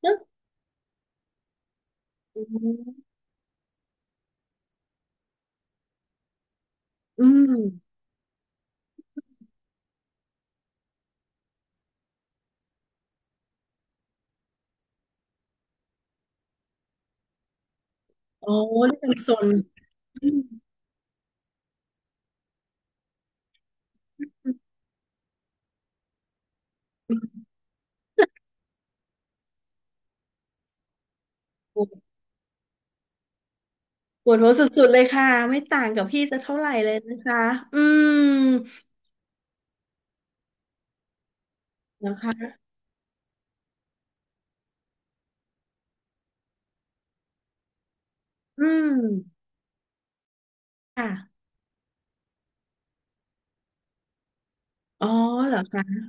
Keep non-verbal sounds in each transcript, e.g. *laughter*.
เนอะอืมอืมโอ้เรื่องสนอืมอืมปวดปวดหัวสุดๆเลยค่ะ ไม่ต่างกับพี่จะเท่าไหร่เลยนะคะอืมนะคะอืมค่ะ อ๋อเหรอคะ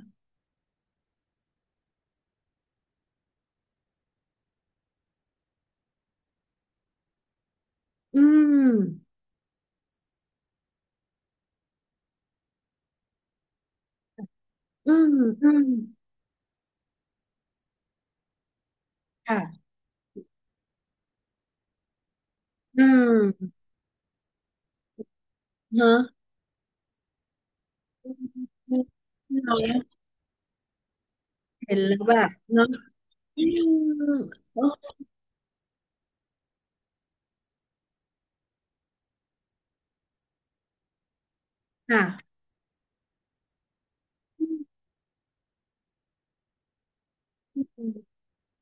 อืมอืมอืมค่ะอืมเนอะเราเห็นแล้วแบบเนอะอืมโอ้ค่ะ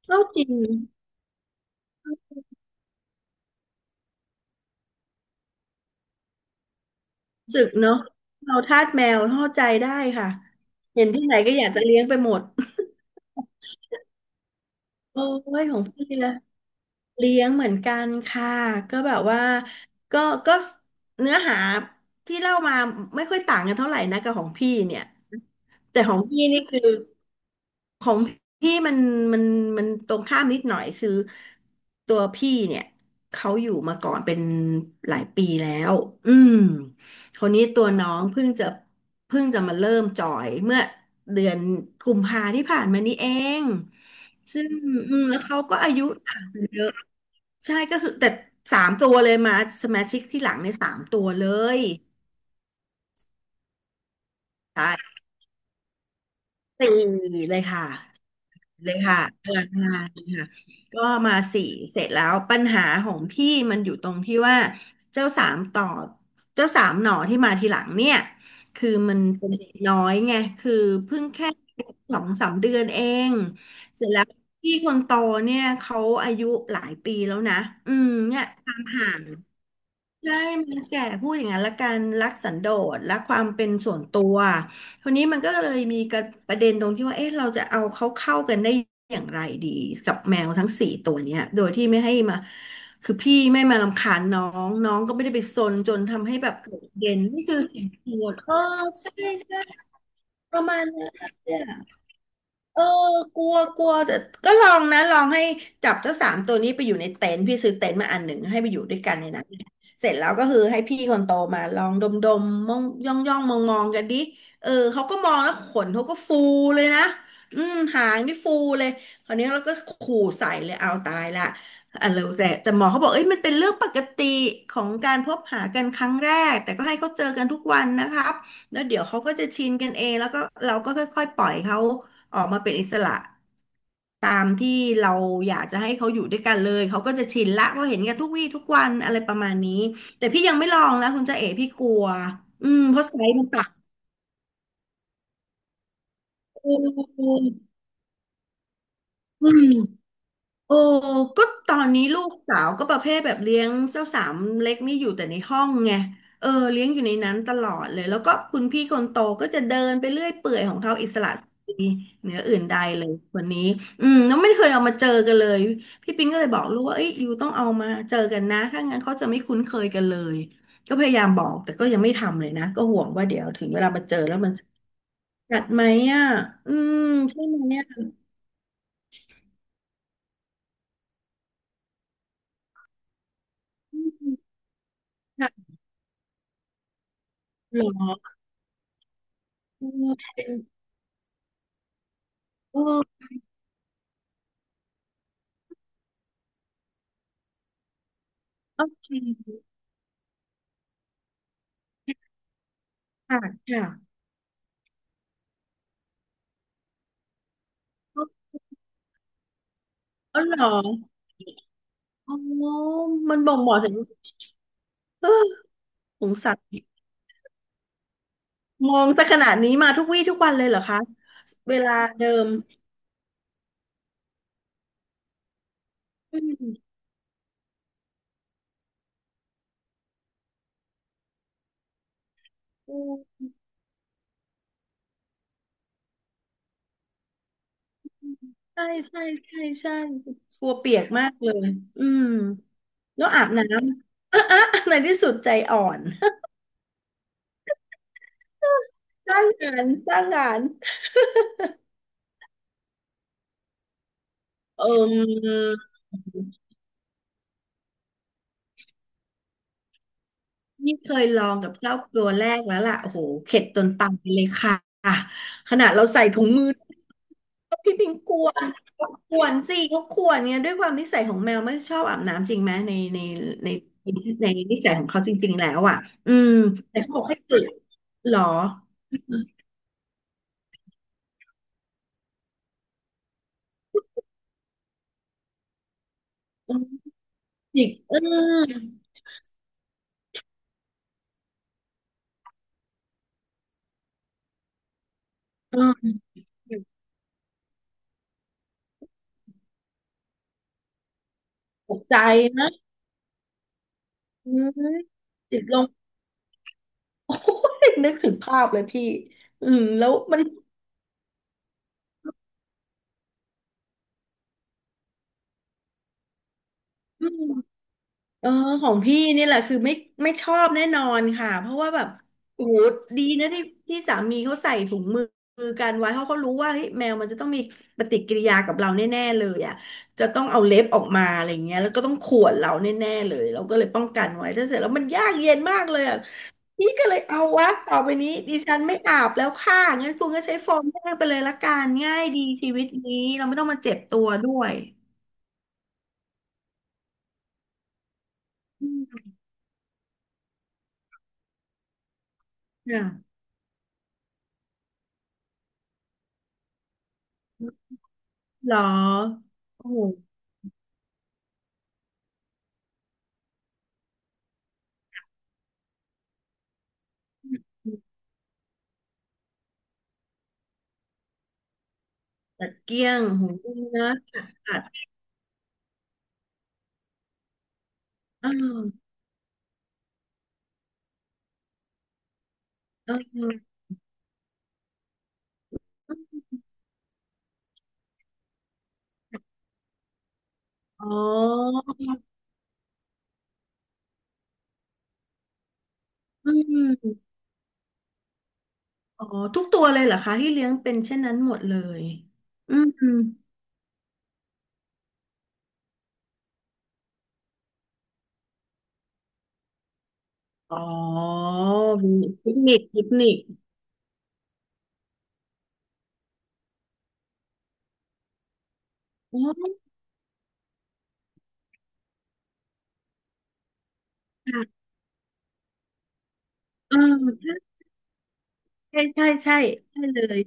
ก็จริง สึกเนาะเราทาสแมวเข้าใจได้ค่ะเห็นที่ไหนก็อยากจะเลี้ยงไปหมดโอ้ยของพี่นะเลี้ยงเหมือนกันค่ะก็แบบว่าก็ก็เนื้อหาที่เล่ามาไม่ค่อยต่างกันเท่าไหร่นะกับของพี่เนี่ยแต่ของพี่นี่คือ ของพี่มันมันตรงข้ามนิดหน่อยคือตัวพี่เนี่ยเขาอยู่มาก่อนเป็นหลายปีแล้วอืมคนนี้ตัวน้องเพิ่งจะมาเริ่มจอยเมื่อเดือนกุมภาที่ผ่านมานี้เองซึ่งอืมแล้วเขาก็อายุต่างกันเยอะใช่ก็คือแต่สามตัวเลยมาสมาชิกที่หลังในยสามตัวเลยใช่สี่เลยค่ะ เลยค่ะพลังงานค่ะก็มาสี่เสร็จแล้วปัญหาของพี่มันอยู่ตรงที่ว่าเจ้าสามต่อเจ้าสามหน่อที่มาทีหลังเนี่ยคือมันเป็นเด็กน้อยไงคือเพิ่งแค่สองสามเดือนเองเสร็จแล้วพี่คนโตเนี่ยเขาอายุหลายปีแล้วนะอืมเนี่ยความห่าง ใช่มันแก่พูดอย่างนั้นละกันรักสันโดษรักความเป็นส่วนตัวทีนี้มันก็เลยมีกระประเด็นตรงที่ว่าเอ๊ะเราจะเอาเขาเข้ากันได้อย่างไรดีกับแมวทั้งสี่ตัวเนี้ยโดยที่ไม่ให้มาคือพี่ไม่มารำคาญน้องน้องก็ไม่ได้ไปซนจนทำให้แบบเกิดประเด่นนี่คือสิ่งที่ปวดใช่ใช่ประมาณนั้น เออกลัวกลัวแต่ก็ลองนะลองให้จับเจ้าสามตัวนี้ไปอยู่ในเต็นท์พี่ซื้อเต็นท์มาอันหนึ่งให้ไปอยู่ด้วยกันในนั้นเสร็จแล้วก็คือให้พี่คนโตมาลองดมดมมองย่องย่องมองมองๆกันดิเออเขาก็มองแล้วขนเขาก็ฟูเลยนะอืมหางนี่ฟูเลยคราวนี้เราก็ขู่ใส่เลยเอาตายละอะเรีแต่หมอเขาบอกเอ้ยมันเป็นเรื่องปกติของการพบหากันครั้งแรกแต่ก็ให้เขาเจอกันทุกวันนะครับแล้วเดี๋ยวเขาก็จะชินกันเองแล้วก็เราก็ค่อยๆปล่อยเขา ออกมาเป็นอิสระตามที่เราอยากจะให้เขาอยู่ด้วยกันเลยเขาก็จะชินละเพราะเห็นกันทุกวี่ทุกวันอะไรประมาณนี้แต่พี่ยังไม่ลองนะคุณจ๊ะเอ๋พี่กลัวอืมเพราะไซส์มันต่างอืมอืมอืมโอ้ก็ตอนนี้ลูกสาวก็ประเภทแบบเลี้ยงเจ้าสามเล็กนี่อยู่แต่ในห้องไงเออเลี้ยงอยู่ในนั้นตลอดเลยแล้วก็คุณพี่คนโตก็จะเดินไปเรื่อยเปื่อยของเขาอิสระ เหนืออื่นใดเลยวันนี้อืมแล้วไม่เคยเอามาเจอกันเลยพี่ปิงก็เลยบอกลูกว่าเอ้ยยูต้องเอามาเจอกันนะถ้างั้นเขาจะไม่คุ้นเคยกันเลยก็พยายามบอกแต่ก็ยังไม่ทำเลยนะก็ห่วงว่าเดี๋ยวถึงเวลามาเจอแล้วมันจะกัดไหมอ่ะอืมใช่ไหมเนี่ยอืมค่ะหรอเออเปโอโอเคค่ะค่ะเออเหรออ๋อมันบ่งบอกถึงเออสงสัยมองจะขนาดนี้มาทุกวี่ทุกวันเลยเหรอคะเวลาเดิม อืมใช่ใช่ใช่ใช่กลัวเปียกมากเลยอืมแล้วอาบน้ำ *laughs* เออเออในที่สุดใจอ่อนสร้างงานสร้างงานเอมนี่เคยลองกับเจ้าตัวแรกแล้วล่ะโอ้โหเข็ดจนตายเลยค่ะขนาดเราใส่ถุงมือพี่พิงกวนกวนสิเขากวนเนี่ยด้วยความนิสัยของแมวไม่ชอบอาบน้ำจริงไหมในในนิสัยของเขาจริงๆแล้วอ่ะอืมแต่เขาบอกให้ฝึกเหรอ จิกเออเออตกใจนะอืมจิกลงโอ้ยนึกถึงภาพเลยพี่อืมแล้วมัน เออของพี่นี่แหละคือไม่ชอบแน่นอนค่ะเพราะว่าแบบโอ้โหดีนะที่สามีเขาใส่ถุงมือกันไว้เพราะเขารู้ว่าเฮ้ยแมวมันจะต้องมีปฏิกิริยากับเราแน่ๆเลยอ่ะจะต้องเอาเล็บออกมาอะไรเงี้ยแล้วก็ต้องข่วนเราแน่ๆเลยเราก็เลยป้องกันไว้ถ้าเสร็จแล้วมันยากเย็นมากเลยอ่ะนี่ก็เลยเอาวะต่อไปนี้ดิฉันไม่อาบแล้วค่ะงั้นคุณก็ใช้โฟมแห้งไปเลยละกันง่ายดีชีวิตนี้เราไม่ต้องมาเจ็บตัวด้วยอืมค่ะเหรอโอ้โห ตัดเกลี้ยงหูวิ่งนะตัดอ้เอออ๋ออืมอ๋อทุกตัวเลยเหรอคะที่เลี้ยงเป็นเช่นนั้นหมดเลยอืมอ๋อมีเทคนิคเทคนิคอ๋อค่ะเออใช่ใช่ใช่ใช่ใช่เลย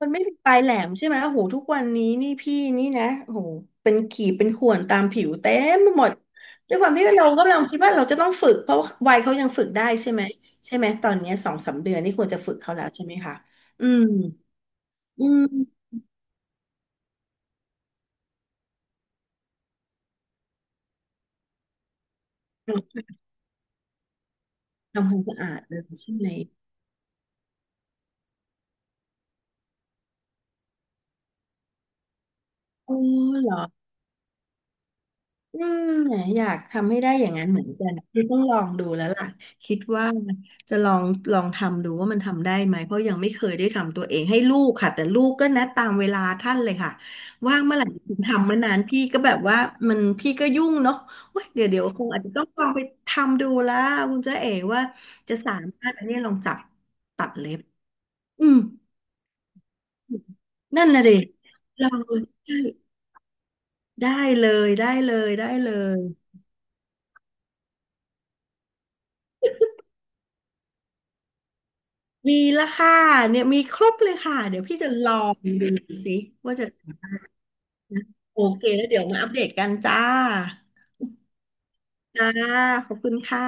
มันไม่มีปลายแหลมใช่ไหมโอ้โหทุกวันนี้นี่พี่นี่นะโอ้โหเป็นขีดเป็นข่วนตามผิวเต็มไปหมดด้วยความที่เรากกำลังคิดว่าเราจะต้องฝึก เพราะว่าวัยเขายังฝึกได้ใช่ไหมใช่ไหมตอนเนี้ยสองสามเดือนนี่ควรจะฝึกเขาแล้วใช่ไหมคะอืมอืมทำความสะอาดเลยใช่ไหมโอ้เหรอ อืมอยากทำให้ได้อย่างนั้นเหมือนกันคือต้องลองดูแล้วล่ะคิดว่าจะลองทำดูว่ามันทำได้ไหมเพราะยังไม่เคยได้ทำตัวเองให้ลูกค่ะแต่ลูกก็นัดตามเวลาท่านเลยค่ะว่างเมื่อไหร่ทำเมื่อนานพี่ก็แบบว่ามันพี่ก็ยุ่งเนาะเว้ยเดี๋ยวคงอาจจะต้องลองไปทำดูแล้วคุณเจ๊เอ๋ว่าจะสามารถอันนี้ลองจับตัดเล็บอืมนั่นน่ะดิลองเลยได้ได้เลย มีละค่ะเนี่ยมีครบเลยค่ะเดี๋ยวพี่จะลองดูสิว่าจะโอเคแล้วเดี๋ยวมาอัปเดตกันจ้าจ้าขอบคุณค่ะ